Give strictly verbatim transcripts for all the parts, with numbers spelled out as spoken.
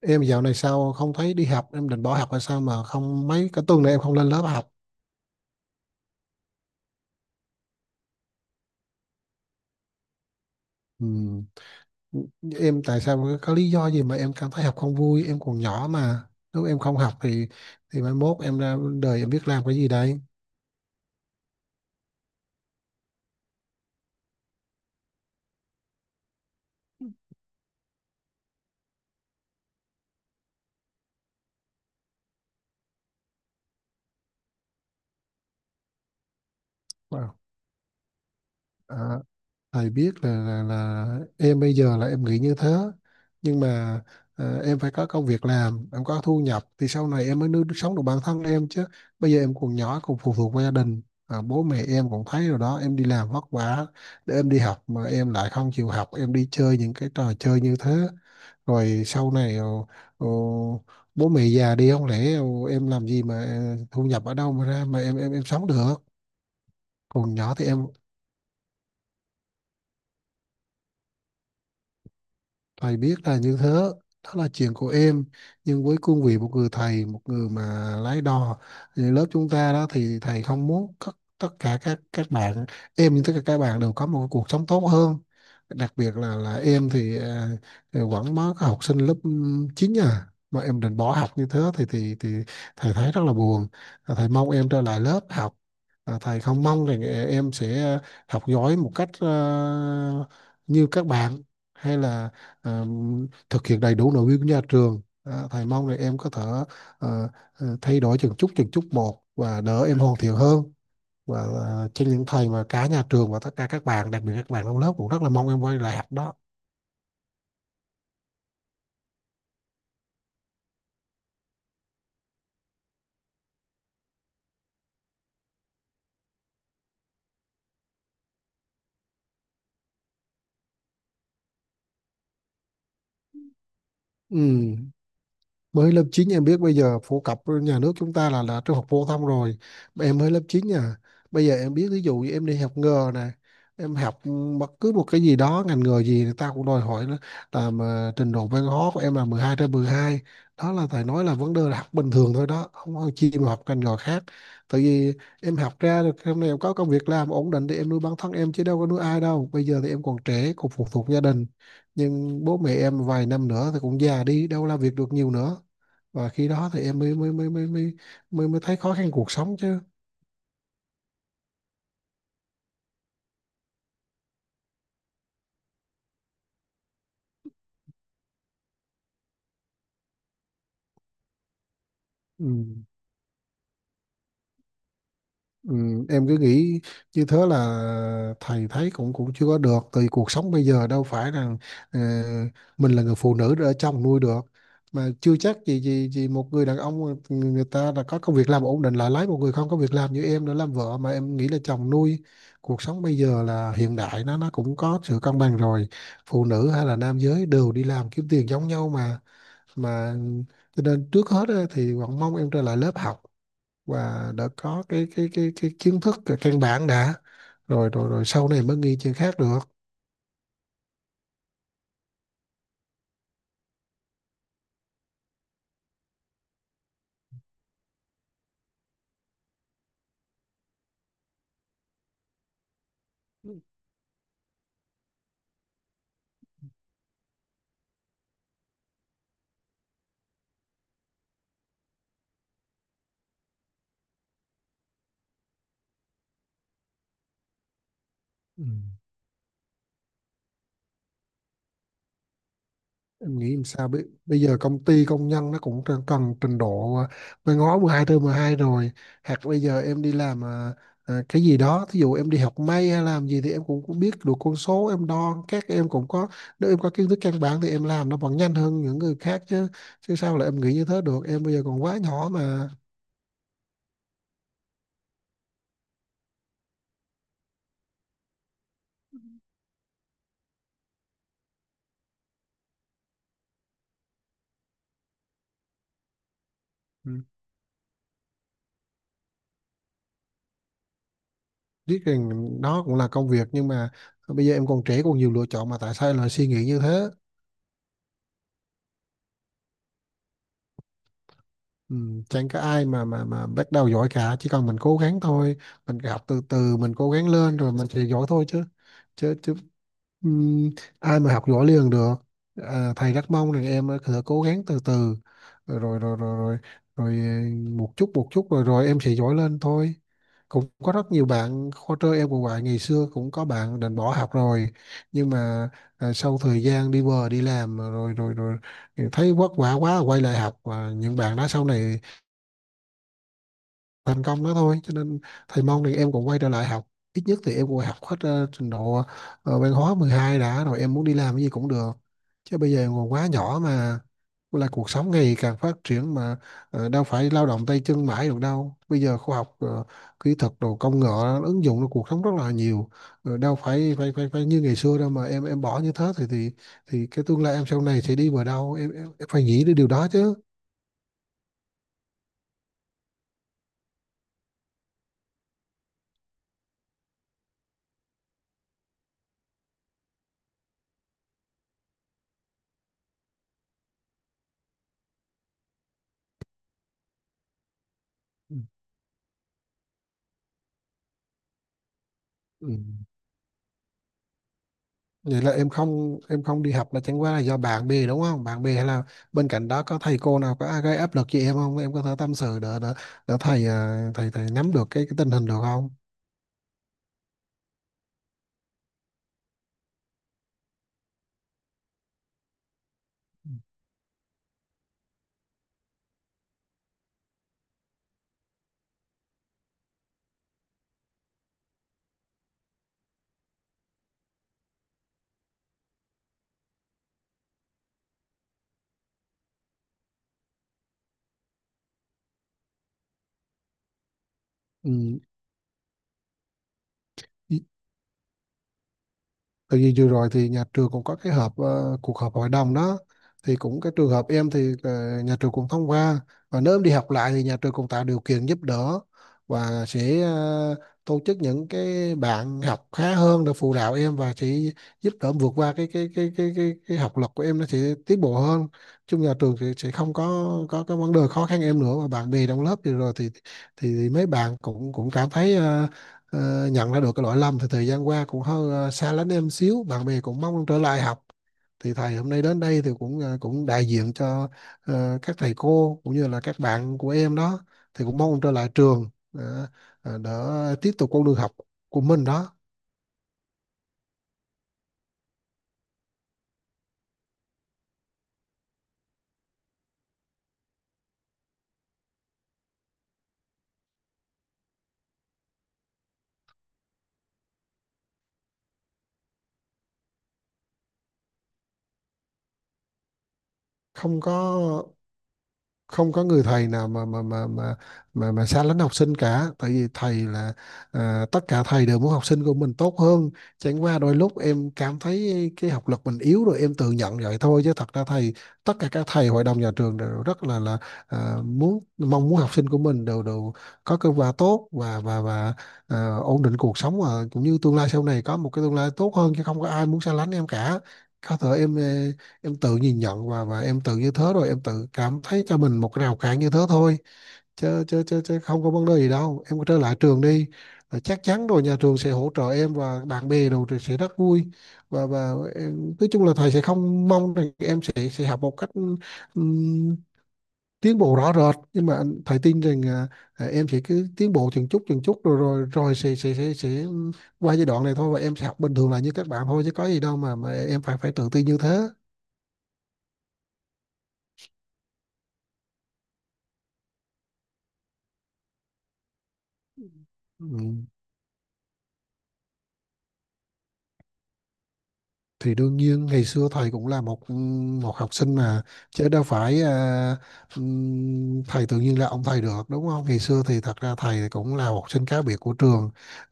Em dạo này sao không thấy đi học? Em định bỏ học hay sao mà không mấy cái tuần này em không lên lớp học? Ừ. Em tại sao có lý do gì mà em cảm thấy học không vui? Em còn nhỏ mà, nếu em không học thì thì mai mốt em ra đời em biết làm cái gì đây? Wow. À, Thầy biết là, là là em bây giờ là em nghĩ như thế, nhưng mà ờ, em phải có công việc làm em có thu nhập thì sau này em mới nuôi sống được bản thân em chứ. Bây giờ em còn nhỏ còn phụ thuộc vào gia đình. Ờ, bố mẹ em cũng thấy rồi đó, em đi làm vất vả để em đi học mà em lại không chịu học, em đi chơi những cái trò chơi như thế. Rồi sau này ờ, ờ, bố mẹ già đi, không lẽ ờ, em làm gì mà ờ, thu nhập ở đâu mà ra mà em em em sống được? Còn nhỏ thì em. Thầy biết là như thế, đó là chuyện của em. Nhưng với cương vị một người thầy, một người mà lái đò, thì lớp chúng ta đó thì thầy không muốn các, tất cả các các bạn, em như tất cả các bạn đều có một cuộc sống tốt hơn. Đặc biệt là là em thì, à, thì vẫn mới có học sinh lớp chín à, mà em định bỏ học như thế thì thì thì thầy thấy rất là buồn. Và thầy mong em trở lại lớp học. Và thầy không mong rằng à, em sẽ học giỏi một cách à, như các bạn, hay là à, thực hiện đầy đủ nội quy của nhà trường. À, thầy mong là em có thể à, à, thay đổi từng chút từng chút một và đỡ em hoàn thiện hơn, và à, trên những thầy mà cả nhà trường và tất cả các bạn, đặc biệt các bạn trong lớp cũng rất là mong em quay lại học đó. Ừ, mới lớp chín em biết bây giờ phổ cập nhà nước chúng ta là là trung học phổ thông rồi. Mà em mới lớp chín nha, bây giờ em biết, ví dụ như em đi học nghề này, em học bất cứ một cái gì đó, ngành nghề gì người ta cũng đòi hỏi nó là mà trình độ văn hóa của em là mười hai trên mười hai. Đó là thầy nói là vấn đề là học bình thường thôi đó, không có chi mà học ngành nghề khác. Tại vì em học ra được hôm nay em có công việc làm ổn định thì em nuôi bản thân em chứ đâu có nuôi ai đâu. Bây giờ thì em còn trẻ còn phụ thuộc gia đình, nhưng bố mẹ em vài năm nữa thì cũng già đi đâu làm việc được nhiều nữa, và khi đó thì em mới mới mới mới mới mới, mới thấy khó khăn cuộc sống chứ. Ừ. Ừ. Em cứ nghĩ như thế là thầy thấy cũng cũng chưa có được, tại vì cuộc sống bây giờ đâu phải rằng ờ, mình là người phụ nữ để chồng nuôi được. Mà chưa chắc gì gì gì một người đàn ông, người người ta đã có công việc làm ổn định lại lấy một người không có việc làm như em để làm vợ mà em nghĩ là chồng nuôi. Cuộc sống bây giờ là hiện đại, nó nó cũng có sự cân bằng rồi, phụ nữ hay là nam giới đều đi làm kiếm tiền giống nhau mà, mà cho nên trước hết á, thì Hoàng mong em trở lại lớp học và đã có cái cái cái cái kiến thức căn bản đã, rồi rồi rồi sau này mới nghi chuyện khác được. Ừ. Em nghĩ làm sao bây, bây giờ công ty công nhân nó cũng cần, cần trình độ à, văn hóa mười hai trên mười hai rồi. Hoặc bây giờ em đi làm à, à, cái gì đó, thí dụ em đi học may hay làm gì thì em cũng, cũng biết được con số em đo các em cũng có. Nếu em có kiến thức căn bản thì em làm nó vẫn nhanh hơn những người khác chứ chứ sao là em nghĩ như thế được, em bây giờ còn quá nhỏ mà. Ừ. Biết rằng nó cũng là công việc, nhưng mà bây giờ em còn trẻ còn nhiều lựa chọn, mà tại sao em lại suy nghĩ như thế? Ừ, chẳng có ai mà mà mà bắt đầu giỏi cả, chỉ cần mình cố gắng thôi. Mình học từ từ mình cố gắng lên rồi mình sẽ giỏi thôi chứ, chứ chứ ừm, ai mà học giỏi liền được. À, thầy rất mong rằng em cứ cố gắng từ từ, rồi rồi rồi rồi rồi, rồi một chút một chút rồi rồi em sẽ giỏi lên thôi. Cũng có rất nhiều bạn khóa trơ em cũng vậy, ngày xưa cũng có bạn định bỏ học rồi, nhưng mà à, sau thời gian đi bờ đi làm rồi rồi rồi thấy vất vả quá quay lại học, và những bạn đó sau này thành công đó thôi, cho nên thầy mong thì em cũng quay trở lại học. Ít nhất thì em cũng học hết ờ, trình độ ờ, văn hóa mười hai đã, rồi em muốn đi làm cái gì cũng được, chứ bây giờ còn quá nhỏ mà. Là cuộc sống ngày càng phát triển mà, ờ, đâu phải lao động tay chân mãi được đâu. Bây giờ khoa học ờ, kỹ thuật đồ công nghệ nó ứng dụng vào cuộc sống rất là nhiều. Ờ, đâu phải phải phải phải như ngày xưa đâu mà em em bỏ như thế thì thì thì cái tương lai em sau này sẽ đi vào đâu, em em, em phải nghĩ đến điều đó chứ. Ừ. Ừ. Vậy là em không, em không đi học là chẳng qua là do bạn bè đúng không? Bạn bè hay là bên cạnh đó có thầy cô nào có gây áp lực cho em không? Em có thể tâm sự để để, để thầy, à, thầy thầy nắm được cái, cái tình hình được không? Ừ. Tại vì vừa rồi thì nhà trường cũng có cái họp, ờ, cuộc họp hội đồng đó, thì cũng cái trường hợp em thì ờ, nhà trường cũng thông qua, và nếu em đi học lại thì nhà trường cũng tạo điều kiện giúp đỡ, và sẽ ờ, tổ chức những cái bạn học khá hơn để phụ đạo em, và sẽ giúp đỡ em vượt qua cái cái cái cái cái, cái học lực của em, nó sẽ tiến bộ hơn. Chung nhà trường thì sẽ không có có cái vấn đề khó khăn em nữa, và bạn bè trong lớp vừa rồi thì thì, thì mấy bạn cũng cũng cảm thấy, ờ, ờ, nhận ra được cái lỗi lầm, thì thời gian qua cũng hơi ờ, xa lánh em xíu, bạn bè cũng mong trở lại học. Thì thầy hôm nay đến đây thì cũng, ờ, cũng đại diện cho ờ, các thầy cô cũng như là các bạn của em đó, thì cũng mong trở lại trường, ờ, ờ, để tiếp tục con đường học của mình đó. Không có không có người thầy nào mà mà mà mà mà mà xa lánh học sinh cả, tại vì thầy là, à, tất cả thầy đều muốn học sinh của mình tốt hơn. Chẳng qua đôi lúc em cảm thấy cái học lực mình yếu rồi em tự nhận vậy thôi, chứ thật ra thầy, tất cả các thầy hội đồng nhà trường đều rất là là à, muốn mong muốn học sinh của mình đều đều có kết quả tốt, và và và à, ổn định cuộc sống, và cũng như tương lai sau này có một cái tương lai tốt hơn, chứ không có ai muốn xa lánh em cả. Có thể em ờ, em tự nhìn nhận, và và em tự như thế rồi em tự cảm thấy cho mình một cái rào cản như thế thôi, chứ chứ chứ, chứ không có vấn đề gì đâu, em trở lại trường đi. Là chắc chắn rồi, nhà trường sẽ hỗ trợ em và bạn bè đồ thì sẽ rất vui, và và em, nói chung là thầy sẽ không mong rằng em sẽ sẽ học một cách ừm, tiến bộ rõ rệt, nhưng mà anh- thầy tin rằng à, à, em sẽ cứ tiến bộ từng chút từng chút, rồi rồi rồi sẽ sẽ sẽ, sẽ qua giai đoạn này thôi, và em sẽ học bình thường là như các bạn thôi, chứ có gì đâu mà mà em phải phải tự tin như thế. Ừ. Thì đương nhiên ngày xưa thầy cũng là một ừ, một học sinh mà, chứ đâu phải à, ừm, thầy tự nhiên là ông thầy được đúng không? Ngày xưa thì thật ra thầy cũng là học sinh cá biệt của trường,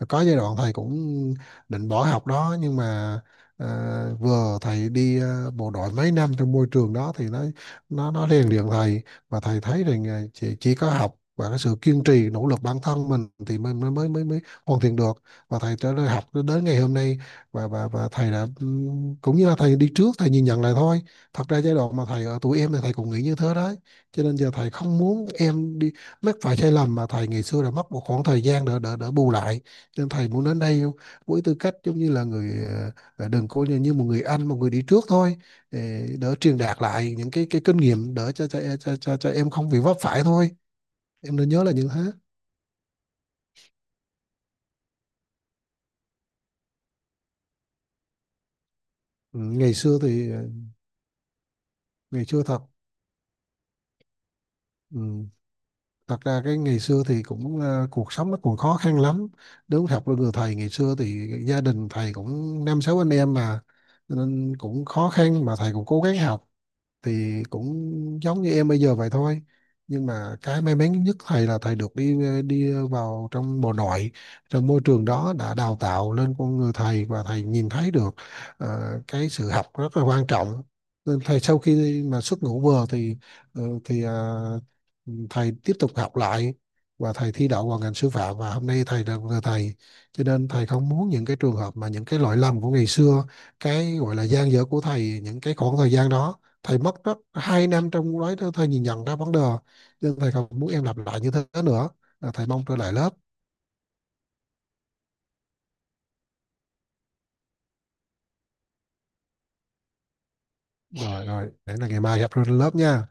có giai đoạn thầy cũng định bỏ học đó, nhưng mà à, vừa thầy đi à, bộ đội mấy năm, trong môi trường đó thì nó nó nó rèn luyện thầy, và thầy thấy rằng à, chỉ, chỉ có học và cái sự kiên trì nỗ lực bản thân mình thì mình mới mới mới mới hoàn thiện được. Và thầy trở lại học đến ngày hôm nay, và và và thầy đã, ừ, cũng như là thầy đi trước thầy nhìn nhận lại thôi. Thật ra giai đoạn mà thầy ở tuổi em thì thầy cũng nghĩ như thế đấy, cho nên giờ thầy không muốn em đi mắc phải sai lầm mà thầy ngày xưa đã mất một khoảng thời gian để để để bù lại. Cho nên thầy muốn đến đây với tư cách giống như là người, ờ, đừng coi như, như một người anh, một người đi trước thôi, để, để truyền đạt lại những cái cái kinh nghiệm để cho cho cho cho, cho em không bị vấp phải thôi, em nên nhớ là những thế. ừ, Ngày xưa thì, ngày xưa thật. Ừ. Thật ra cái ngày xưa thì cũng ờ, cuộc sống nó còn khó khăn lắm, đúng học với người thầy ngày xưa thì gia đình thầy cũng năm sáu anh em mà. Cho nên cũng khó khăn mà thầy cũng cố gắng học, thì cũng giống như em bây giờ vậy thôi. Nhưng mà cái may mắn nhất thầy là thầy được đi đi vào trong bộ nội, trong môi trường đó đã đào tạo lên con người thầy, và thầy nhìn thấy được ờ, cái sự học rất là quan trọng. Nên thầy sau khi mà xuất ngũ vừa thì ờ, thì ờ, thầy tiếp tục học lại, và thầy thi đậu vào ngành sư phạm, và hôm nay thầy là người thầy. Cho nên thầy không muốn những cái trường hợp mà những cái lỗi lầm của ngày xưa, cái gọi là gian dở của thầy những cái khoảng thời gian đó, thầy mất rất hai năm trong đó thầy nhìn nhận ra vấn đề, nhưng thầy không muốn em lặp lại như thế nữa. Là thầy mong trở lại lớp. Rồi rồi để là ngày mai gặp trên lớp nha.